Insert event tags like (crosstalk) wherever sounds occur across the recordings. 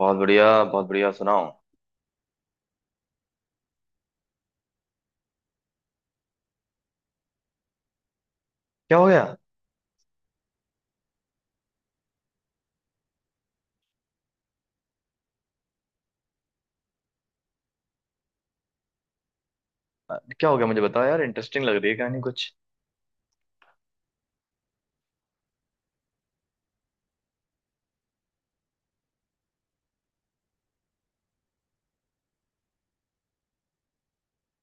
बहुत बढ़िया, बहुत बढ़िया। सुनाओ। क्या हो गया? क्या हो गया, मुझे बताओ यार। इंटरेस्टिंग लग रही है कहानी कुछ।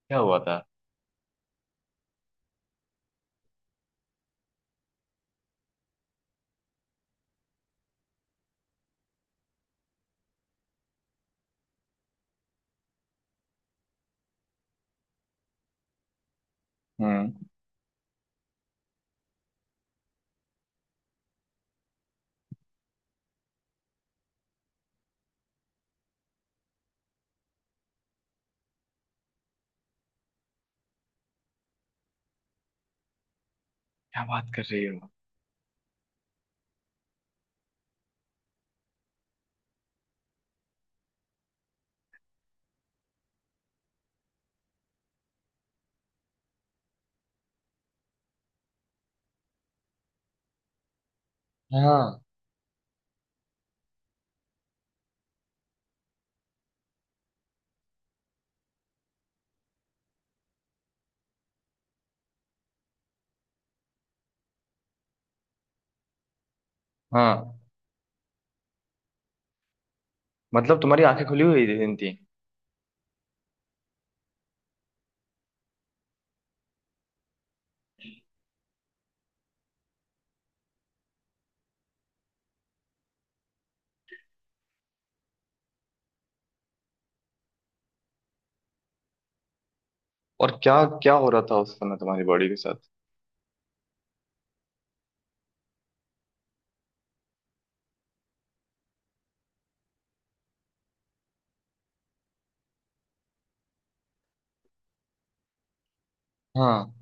क्या हुआ था? हम्म। क्या बात कर रही हो? हाँ, हाँ। मतलब तुम्हारी आंखें खुली हुई थी? और क्या क्या हो रहा था उस समय तुम्हारी बॉडी के साथ? हाँ।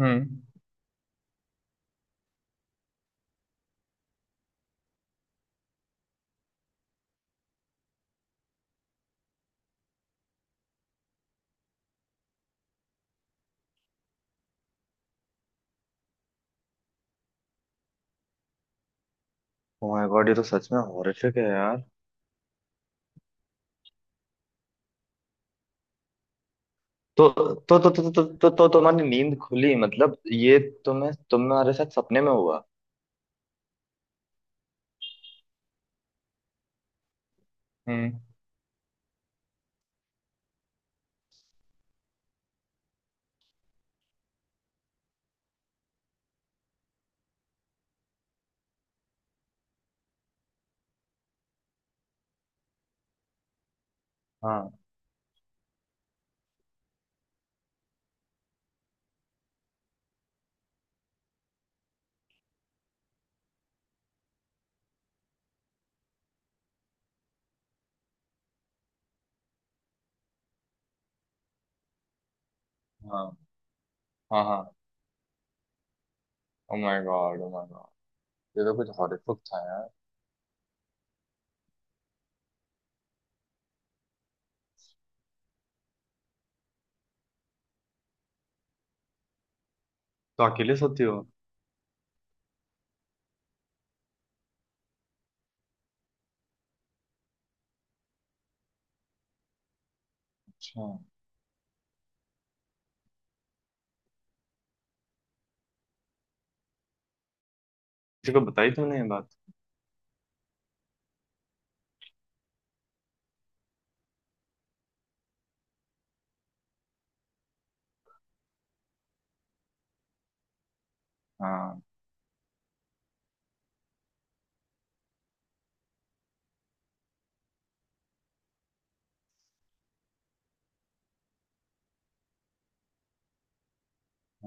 हम्म। ओ माय गॉड, ये तो सच में हॉरिफिक है यार। तो तो तुम्हारी नींद खुली, मतलब ये तुम्हें तुम्हारे साथ सपने में हुआ? हम्म। हाँ, हाँ, हाँ, हाँ। Oh my god, oh my god. ये तो कुछ हॉरिफिक था यार। तो अकेले सोती हो? अच्छा। किसी को बताई तुमने ये बात? हाँ।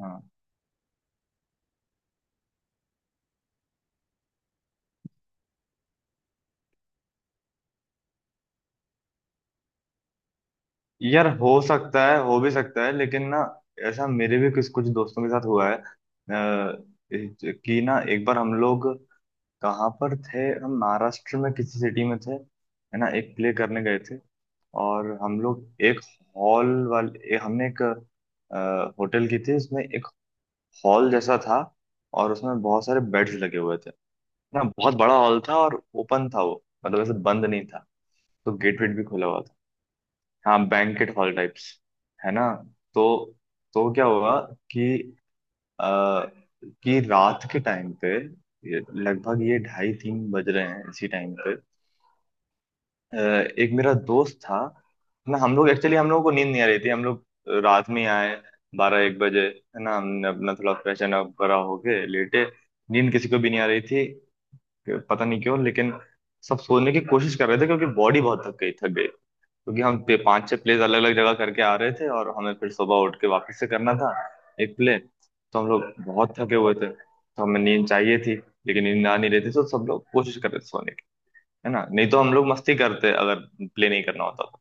हाँ यार, हो सकता है, हो भी सकता है, लेकिन ना, ऐसा मेरे भी कुछ कुछ दोस्तों के साथ हुआ है। कि ना, एक बार हम लोग कहाँ पर थे? हम महाराष्ट्र में किसी सिटी में थे, है ना। एक प्ले करने गए थे। और हम लोग एक हॉल वाले, हमने एक होटल की थी, उसमें एक हॉल जैसा था। और उसमें बहुत सारे बेड्स लगे हुए थे ना, बहुत बड़ा हॉल था। और ओपन था वो, मतलब ऐसे बंद नहीं था, तो गेट वेट भी खुला हुआ था। हाँ, बैंकेट हॉल टाइप्स, है ना। तो तो क्या हुआ, कि आ, कि रात के टाइम पे, लगभग ये ढाई तीन बज रहे हैं इसी टाइम पे। अ, एक मेरा दोस्त था ना। हम लोग एक्चुअली हम लोगों को नींद नहीं आ रही थी। हम लोग रात में आए 12-1 बजे, है ना। हमने अपना थोड़ा फ्रेशन अप करा, होके लेटे, नींद किसी को भी नहीं आ रही थी, पता नहीं क्यों। लेकिन सब सोने की कोशिश कर रहे थे क्योंकि बॉडी बहुत थक गई, थक गई। क्योंकि हम पे पांच छह प्लेस, अलग अलग जगह करके आ रहे थे, और हमें फिर सुबह उठ के वापस से करना था एक प्ले, तो हम लोग बहुत थके हुए थे, तो हमें नींद चाहिए थी। लेकिन नींद आ नहीं रही थी, तो सब लोग कोशिश कर रहे थे सोने की, है ना। नहीं तो हम लोग मस्ती करते अगर प्ले नहीं करना होता तो।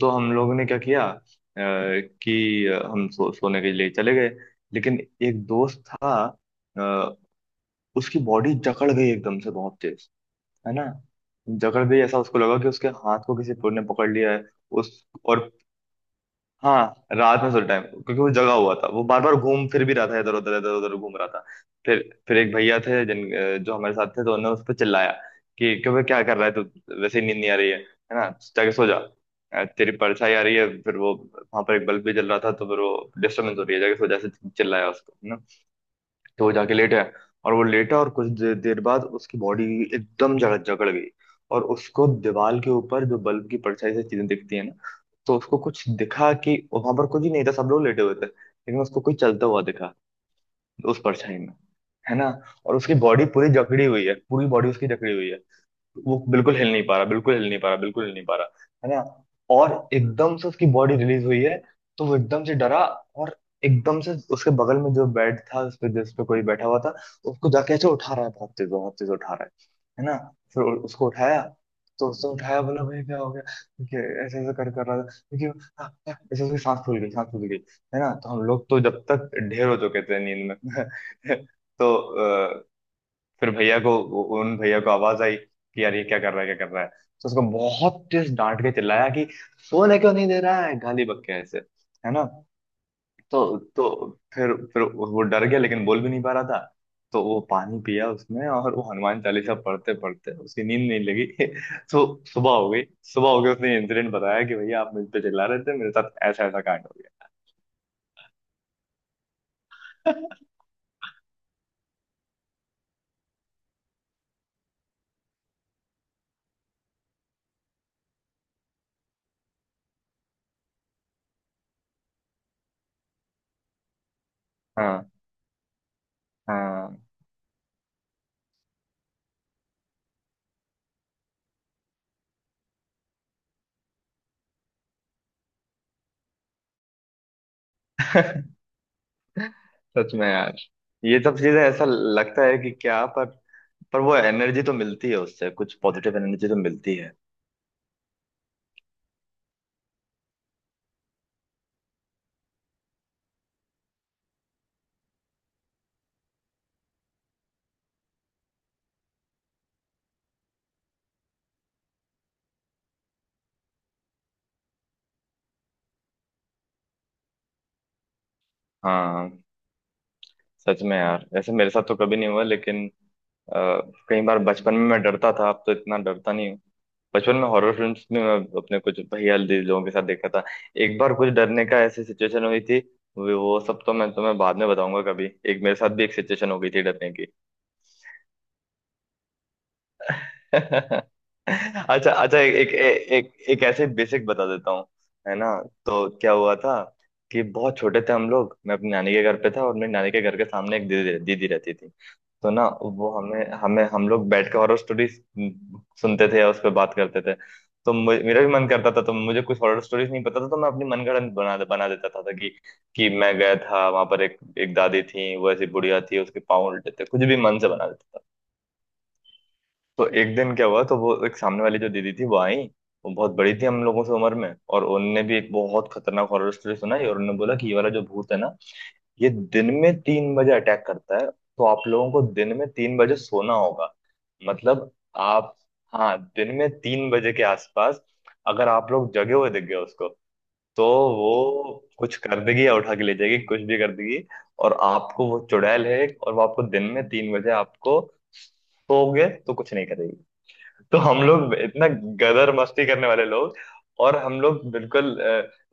तो हम लोगों ने क्या किया, कि हम सोने के लिए चले गए। लेकिन एक दोस्त था, अ, उसकी बॉडी जकड़ गई एकदम से बहुत तेज, है ना। जकड़ गई, ऐसा उसको लगा कि उसके हाथ को किसी ने पकड़ लिया है। उस और, हाँ रात में सोते टाइम क्योंकि वो जगा हुआ था, वो बार बार घूम फिर भी रहा था, इधर उधर घूम रहा था। फिर फिर एक भैया थे जिन जो हमारे साथ थे, तो उन्होंने उस पर चिल्लाया कि क्यों? क्या कर रहा है तू? वैसे ही नींद नहीं आ रही है ना। जाके सो जा। तेरी परछाई आ रही है, फिर वो वहां पर एक बल्ब भी जल रहा था, तो फिर वो डिस्टर्बेंस हो रही है। जाके सो जा, ऐसे चिल्लाया उसको, है ना। तो वो जाके लेट है। और वो लेटा, और कुछ देर बाद उसकी बॉडी एकदम जकड़ जकड़ गई। और उसको दीवार के ऊपर जो बल्ब की परछाई से चीजें दिखती है, तो उसको कुछ दिखा कि वहां पर कुछ ही नहीं था, सब लोग लेटे हुए थे, लेकिन उसको कोई चलता हुआ दिखा, उस परछाई में, है ना। और उसकी बॉडी पूरी जकड़ी हुई है, पूरी बॉडी उसकी जकड़ी हुई है, वो बिल्कुल हिल नहीं पा रहा, बिल्कुल हिल नहीं पा रहा, बिल्कुल हिल नहीं पा रहा, है ना। और एकदम से उसकी बॉडी रिलीज हुई है, तो वो एकदम से डरा। और एकदम से उसके बगल में जो बेड था उस पे, जिस पे कोई बैठा हुआ था, उसको जाके ऐसे उठा रहा है, बहुत तेज, बहुत तेज उठा रहा है ना। फिर उसको उठाया, तो उसने उठाया, बोला भाई क्या हो गया? कि ऐसे ऐसे कर कर रहा था, क्योंकि "आ, आ" ऐसे, उसकी सांस फूल गई, सांस फूल गई, है ना। तो हम लोग तो जब तक ढेर हो चुके थे नींद में। (laughs) तो फिर भैया को, उन भैया को आवाज आई कि यार ये क्या कर रहा है? क्या कर रहा है? तो उसको बहुत तेज डांट के चिल्लाया कि सोने क्यों नहीं दे रहा है, गाली बक्के ऐसे, है ना। तो फिर वो डर गया, लेकिन बोल भी नहीं पा रहा था। तो वो पानी पिया उसने, और वो हनुमान चालीसा पढ़ते पढ़ते उसकी नींद नहीं लगी। (laughs) तो सुबह हो गई, सुबह हो गई। उसने इंसिडेंट बताया कि भैया आप मुझ पे चिल्ला रहे थे, मेरे साथ ऐसा ऐसा कांड हो गया। हाँ, हाँ। सच में यार, ये सब चीजें ऐसा लगता है कि क्या, पर वो एनर्जी तो मिलती है उससे, कुछ पॉजिटिव एनर्जी तो मिलती है। हाँ, सच में यार। ऐसे मेरे साथ तो कभी नहीं हुआ, लेकिन कई बार बचपन में मैं डरता था, अब तो इतना डरता नहीं हूँ। बचपन में हॉरर फिल्म्स में मैं अपने कुछ भैया लोगों के साथ देखा था। एक बार कुछ डरने का ऐसी सिचुएशन हुई थी, वो सब तो मैं तुम्हें बाद में बताऊंगा कभी। एक मेरे साथ भी एक सिचुएशन हो गई थी डरने की। (laughs) अच्छा, अच्छा। एक एक एक एक ऐसे बेसिक बता देता हूँ, है ना। तो क्या हुआ था? कि बहुत छोटे थे हम लोग। मैं अपनी नानी के घर पे था, और मेरी नानी के घर के सामने एक दीदी दीदी रहती थी। तो ना वो हमें हमें हम लोग बैठ के हॉरर स्टोरी सुनते थे, या उस पर बात करते थे। तो मेरा भी मन करता था, तो मुझे कुछ हॉरर स्टोरीज नहीं पता था, तो मैं अपनी मनगढ़ंत बना बना देता था कि मैं गया था वहां पर, एक एक दादी थी, वो ऐसी बुढ़िया थी, उसके पाँव उल्टे थे, कुछ भी मन से बना देता था। तो एक दिन क्या हुआ? तो वो एक सामने वाली जो दीदी थी वो आई, वो बहुत बड़ी थी हम लोगों से उम्र में। और उनने भी एक बहुत खतरनाक हॉरर स्टोरी सुनाई, और उन्होंने बोला कि ये वाला जो भूत है ना, ये दिन में 3 बजे अटैक करता है, तो आप लोगों को दिन में 3 बजे सोना होगा। मतलब आप, हाँ, दिन में 3 बजे के आसपास अगर आप लोग जगे हुए दिख गए उसको, तो वो कुछ कर देगी, या उठा के ले जाएगी, कुछ भी कर देगी। और आपको वो चुड़ैल है, और वो आपको दिन में 3 बजे, आपको सोओगे तो कुछ नहीं करेगी। तो हम लोग इतना गदर मस्ती करने वाले लोग, और हम लोग बिल्कुल,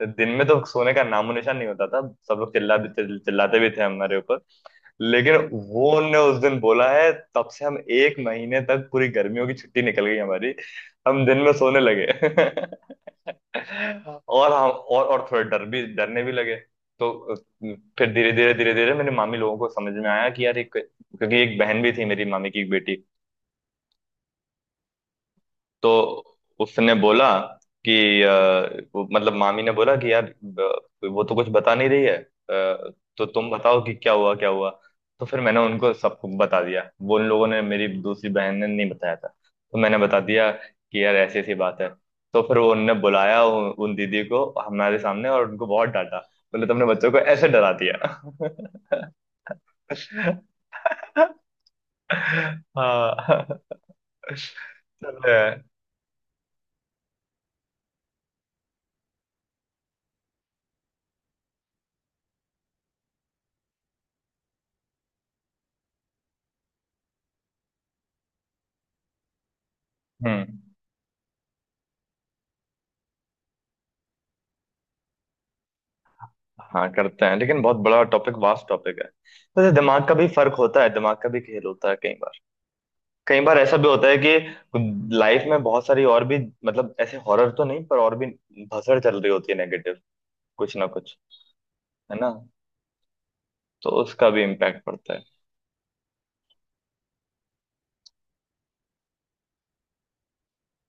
दिन में तो सोने का नामो निशान नहीं होता था। सब लोग चिल्ला भी चिल्लाते भी थे हमारे ऊपर। लेकिन वो ने उस दिन बोला है, तब से हम एक महीने तक, पूरी गर्मियों की छुट्टी निकल गई हमारी, हम दिन में सोने लगे। (laughs) और हम, और थोड़े डर भी डरने भी लगे। तो फिर धीरे धीरे मेरी मामी लोगों को समझ में आया, कि यार एक, क्योंकि एक बहन भी थी मेरी मामी की, एक बेटी। तो उसने बोला कि वो, मतलब मामी ने बोला कि यार वो तो कुछ बता नहीं रही है, तो तुम बताओ कि क्या हुआ, क्या हुआ। तो फिर मैंने उनको, सबको बता दिया। वो उन लोगों ने, मेरी दूसरी बहन ने नहीं बताया था, तो मैंने बता दिया कि यार ऐसी ऐसी बात है। तो फिर वो उनने बुलाया उन दीदी को हमारे सामने, और उनको बहुत डांटा, बोले तुमने बच्चों को ऐसे डरा दिया। (laughs) हाँ। (laughs) चलो यार। हम्म। हाँ, करते हैं, लेकिन बहुत बड़ा टॉपिक, वास्ट टॉपिक है। वैसे दिमाग का भी फर्क होता है, दिमाग का भी खेल होता है कई बार। कई बार ऐसा भी होता है कि लाइफ में बहुत सारी और भी, मतलब ऐसे हॉरर तो नहीं, पर और भी भसड़ चल रही होती है नेगेटिव, कुछ ना कुछ, है ना, तो उसका भी इम्पैक्ट पड़ता है।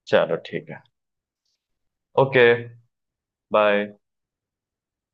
चलो ठीक है। Okay, bye.